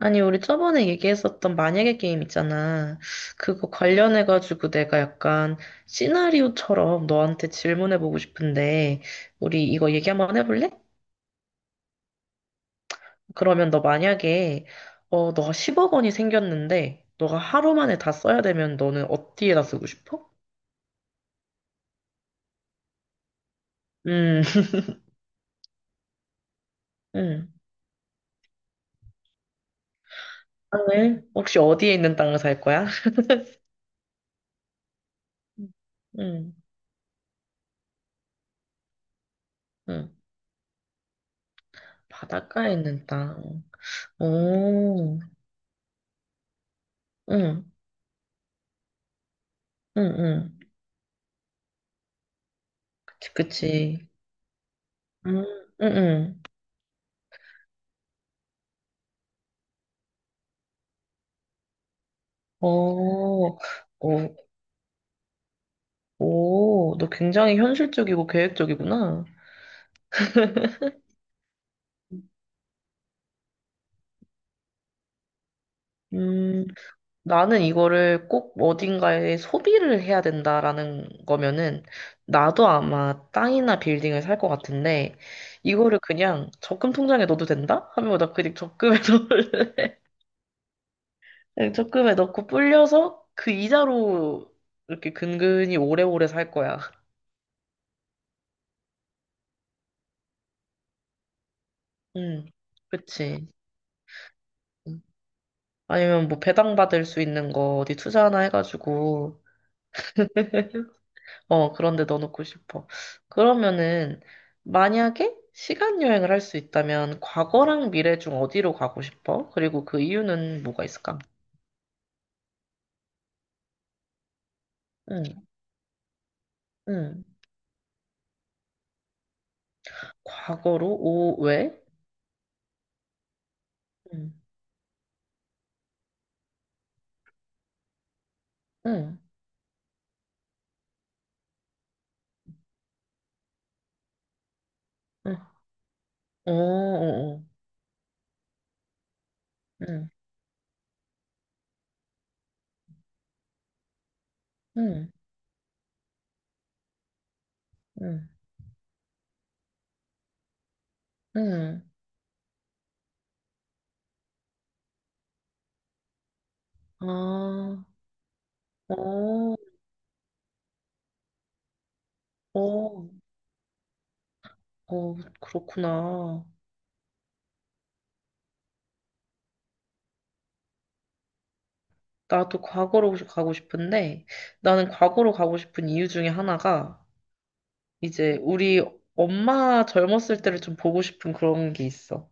아니, 우리 저번에 얘기했었던 만약에 게임 있잖아. 그거 관련해가지고 내가 약간 시나리오처럼 너한테 질문해보고 싶은데, 우리 이거 얘기 한번 해볼래? 그러면 너 만약에, 너가 10억 원이 생겼는데, 너가 하루 만에 다 써야 되면 너는 어디에다 쓰고 싶어? 음, 음. 땅을? 혹시 어디에 있는 땅을 살 거야? 응, 응. 바닷가에 있는 땅. 오, 응, 응, 응. 그치, 그치. 음, 응, 응. 어, 어, 오, 너 굉장히 현실적이고 계획적이구나. 음, 나는 이거를 꼭 어딘가에 소비를 해야 된다라는 거면은, 나도 아마 땅이나 빌딩을 살 것 같은데, 이거를 그냥 적금 통장에 넣어도 된다? 하면 나 그냥 적금에 넣을, 그냥 적금에 넣고 불려서 그 이자로 이렇게 근근히 오래오래 살 거야. 응, 그치. 아니면 뭐 배당받을 수 있는 거 어디 투자 하나 해가지고, 어, 그런데 넣어놓고 싶어. 그러면은, 만약에 시간 여행을 할 수 있다면, 과거랑 미래 중 어디로 가고 싶어? 그리고 그 이유는 뭐가 있을까? 응, 응. 과거로? 오, 왜? 응, 응, 응. 오, 오, 오. 응, 응, 응, 응. 아, 오, 오, 오, 그렇구나. 나도 과거로 가고 싶은데 나는 과거로 가고 싶은 이유 중에 하나가 이제 우리 엄마 젊었을 때를 좀 보고 싶은 그런 게 있어.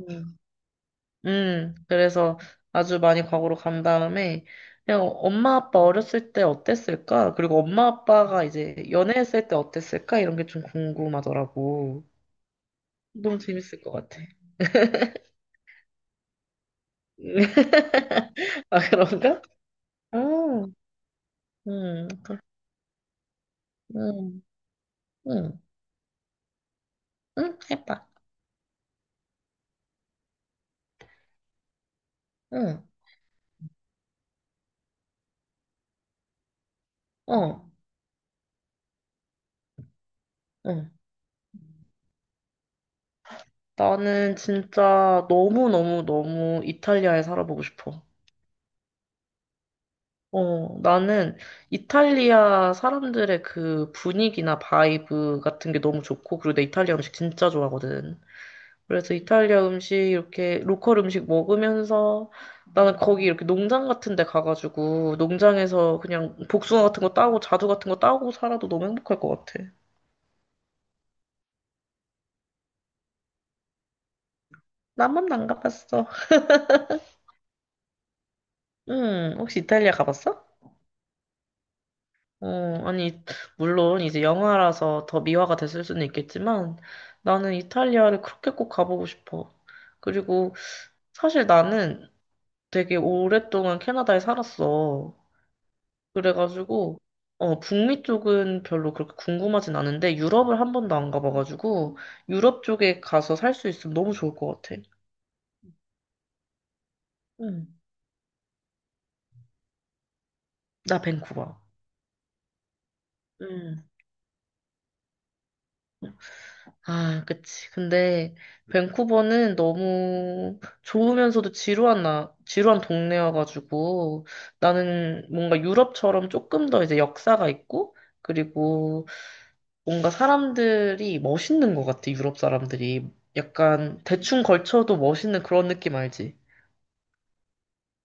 음. 그래서 아주 많이 과거로 간 다음에 그냥 엄마 아빠 어렸을 때 어땠을까? 그리고 엄마 아빠가 이제 연애했을 때 어땠을까? 이런 게 좀 궁금하더라고. 너무 재밌을 것 같아. 아, 그런가? 음, 음, 그- 음, 음, 해봐. 음, 어, 응. 나는 진짜 너무너무너무 이탈리아에 살아보고 싶어. 어, 나는 이탈리아 사람들의 그 분위기나 바이브 같은 게 너무 좋고, 그리고 내 이탈리아 음식 진짜 좋아하거든. 그래서 이탈리아 음식, 이렇게 로컬 음식 먹으면서 나는 거기 이렇게 농장 같은 데 가가지고, 농장에서 그냥 복숭아 같은 거 따고, 자두 같은 거 따고 살아도 너무 행복할 것 같아. 나만 안 가봤어. 응, 혹시 이탈리아 가봤어? 어, 아니, 물론 이제 영화라서 더 미화가 됐을 수는 있겠지만 나는 이탈리아를 그렇게 꼭 가보고 싶어. 그리고 사실 나는 되게 오랫동안 캐나다에 살았어. 그래가지고, 어, 북미 쪽은 별로 그렇게 궁금하진 않은데 유럽을 한 번도 안 가봐가지고 유럽 쪽에 가서 살 수 있으면 너무 좋을 것 같아. 응. 나 밴쿠버. 응. 아, 그치. 근데 밴쿠버는 너무 좋으면서도 지루한 지루한 동네여가지고 나는 뭔가 유럽처럼 조금 더 이제 역사가 있고 그리고 뭔가 사람들이 멋있는 것 같아, 유럽 사람들이. 약간 대충 걸쳐도 멋있는 그런 느낌 알지?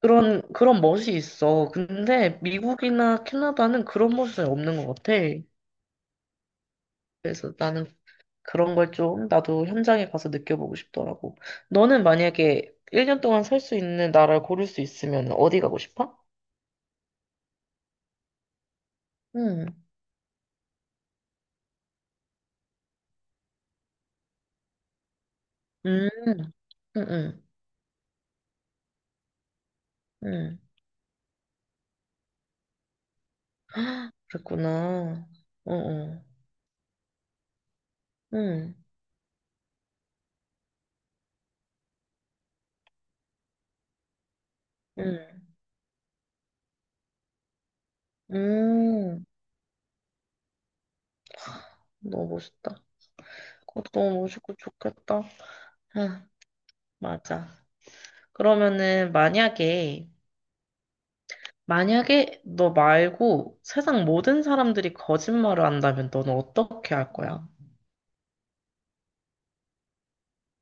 그런 멋이 있어. 근데 미국이나 캐나다는 그런 멋이 없는 것 같아. 그래서 나는 그런 걸 좀 나도 현장에 가서 느껴보고 싶더라고. 너는 만약에 1년 동안 살 수 있는 나라를 고를 수 있으면 어디 가고 싶어? 응, 응, 응, 응, 응. 헉, 그랬구나. 응, 응, 응, 응. 응, 너무 멋있다. 그것도 너무 멋있고 좋겠다. 아, 맞아. 그러면은 만약에, 만약에 너 말고 세상 모든 사람들이 거짓말을 한다면 너는 어떻게 할 거야?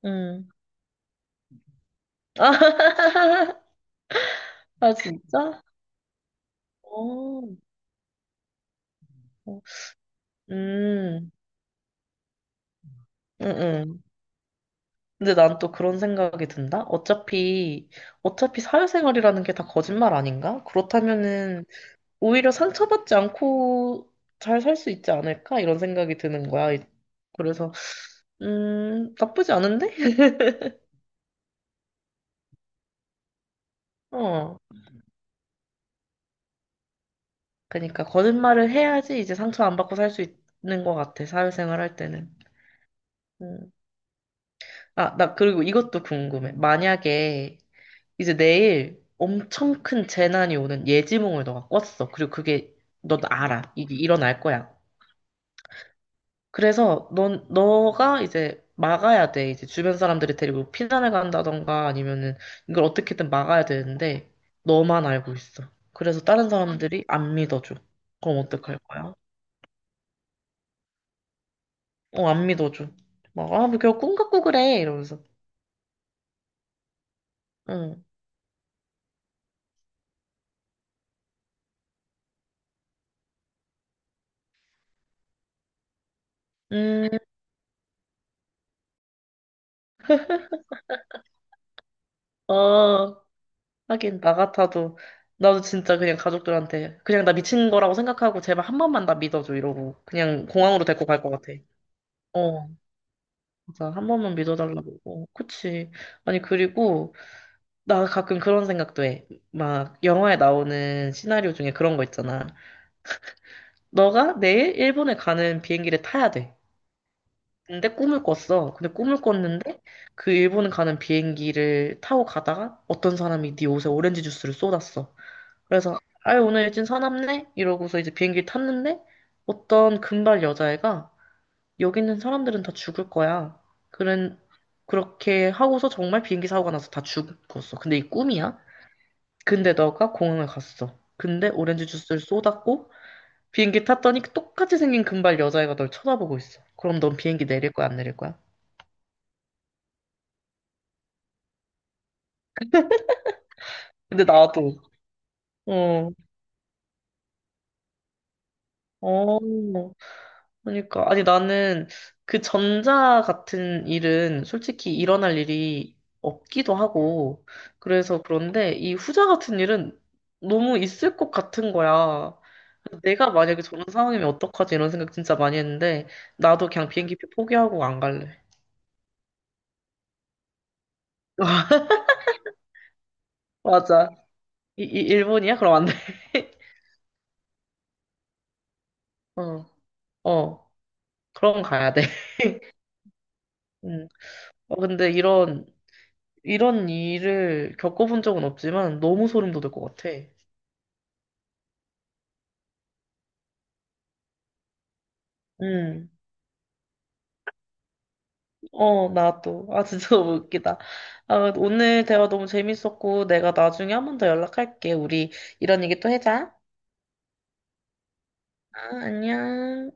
응. 아, 진짜? 어, 어. 음, 응, 응. 근데 난 또 그런 생각이 든다? 어차피, 어차피 사회생활이라는 게 다 거짓말 아닌가? 그렇다면은, 오히려 상처받지 않고 잘 살 수 있지 않을까? 이런 생각이 드는 거야. 그래서, 나쁘지 않은데? 어. 그러니까, 거짓말을 해야지 이제 상처 안 받고 살 수 있는 것 같아. 사회생활 할 때는. 음. 아, 나 그리고 이것도 궁금해. 만약에, 이제 내일 엄청 큰 재난이 오는 예지몽을 너가 꿨어. 그리고 그게 넌 알아. 이게 일어날 거야. 그래서 넌 너가 이제 막아야 돼. 이제 주변 사람들이 데리고 피난을 간다던가 아니면은 이걸 어떻게든 막아야 되는데 너만 알고 있어. 그래서 다른 사람들이 안 믿어줘. 그럼 어떡할 거야? 어, 안 믿어줘. 막, 아, 뭐, 겨꿈 갖고 그래. 이러면서. 응. 음, 어, 하긴 나 같아도 나도 진짜 그냥 가족들한테 그냥 나 미친 거라고 생각하고 제발 한 번만 나 믿어줘 이러고 그냥 공항으로 데리고 갈 것 같아. 어, 맞아. 한 번만 믿어달라고. 어, 그치. 아니, 그리고, 나 가끔 그런 생각도 해. 막, 영화에 나오는 시나리오 중에 그런 거 있잖아. 너가 내일 일본에 가는 비행기를 타야 돼. 근데 꿈을 꿨어. 근데 꿈을 꿨는데, 그 일본 가는 비행기를 타고 가다가 어떤 사람이 네 옷에 오렌지 주스를 쏟았어. 그래서 아유 오늘 일진 사납네 이러고서 이제 비행기 를 탔는데 어떤 금발 여자애가 여기 있는 사람들은 다 죽을 거야. 그런 그렇게 하고서 정말 비행기 사고가 나서 다 죽었어. 근데 이 꿈이야. 근데 너가 공항을 갔어. 근데 오렌지 주스를 쏟았고 비행기 탔더니 똑같이 생긴 금발 여자애가 널 쳐다보고 있어. 그럼 넌 비행기 내릴 거야 안 내릴 거야? 근데 나도 어, 어, 그러니까 아니 나는 그 전자 같은 일은 솔직히 일어날 일이 없기도 하고 그래서 그런데 이 후자 같은 일은 너무 있을 것 같은 거야. 내가 만약에 저런 상황이면 어떡하지 이런 생각 진짜 많이 했는데 나도 그냥 비행기표 포기하고 안 갈래. 맞아. 이 일본이야? 그럼 안 돼. 어, 어. 그럼 가야 돼. 음. 어, 근데 이런 일을 겪어본 적은 없지만 너무 소름 돋을 것 같아. 음. 어, 나도. 아, 진짜 너무 웃기다. 아, 오늘 대화 너무 재밌었고, 내가 나중에 한 번 더 연락할게. 우리 이런 얘기 또 하자. 아, 안녕.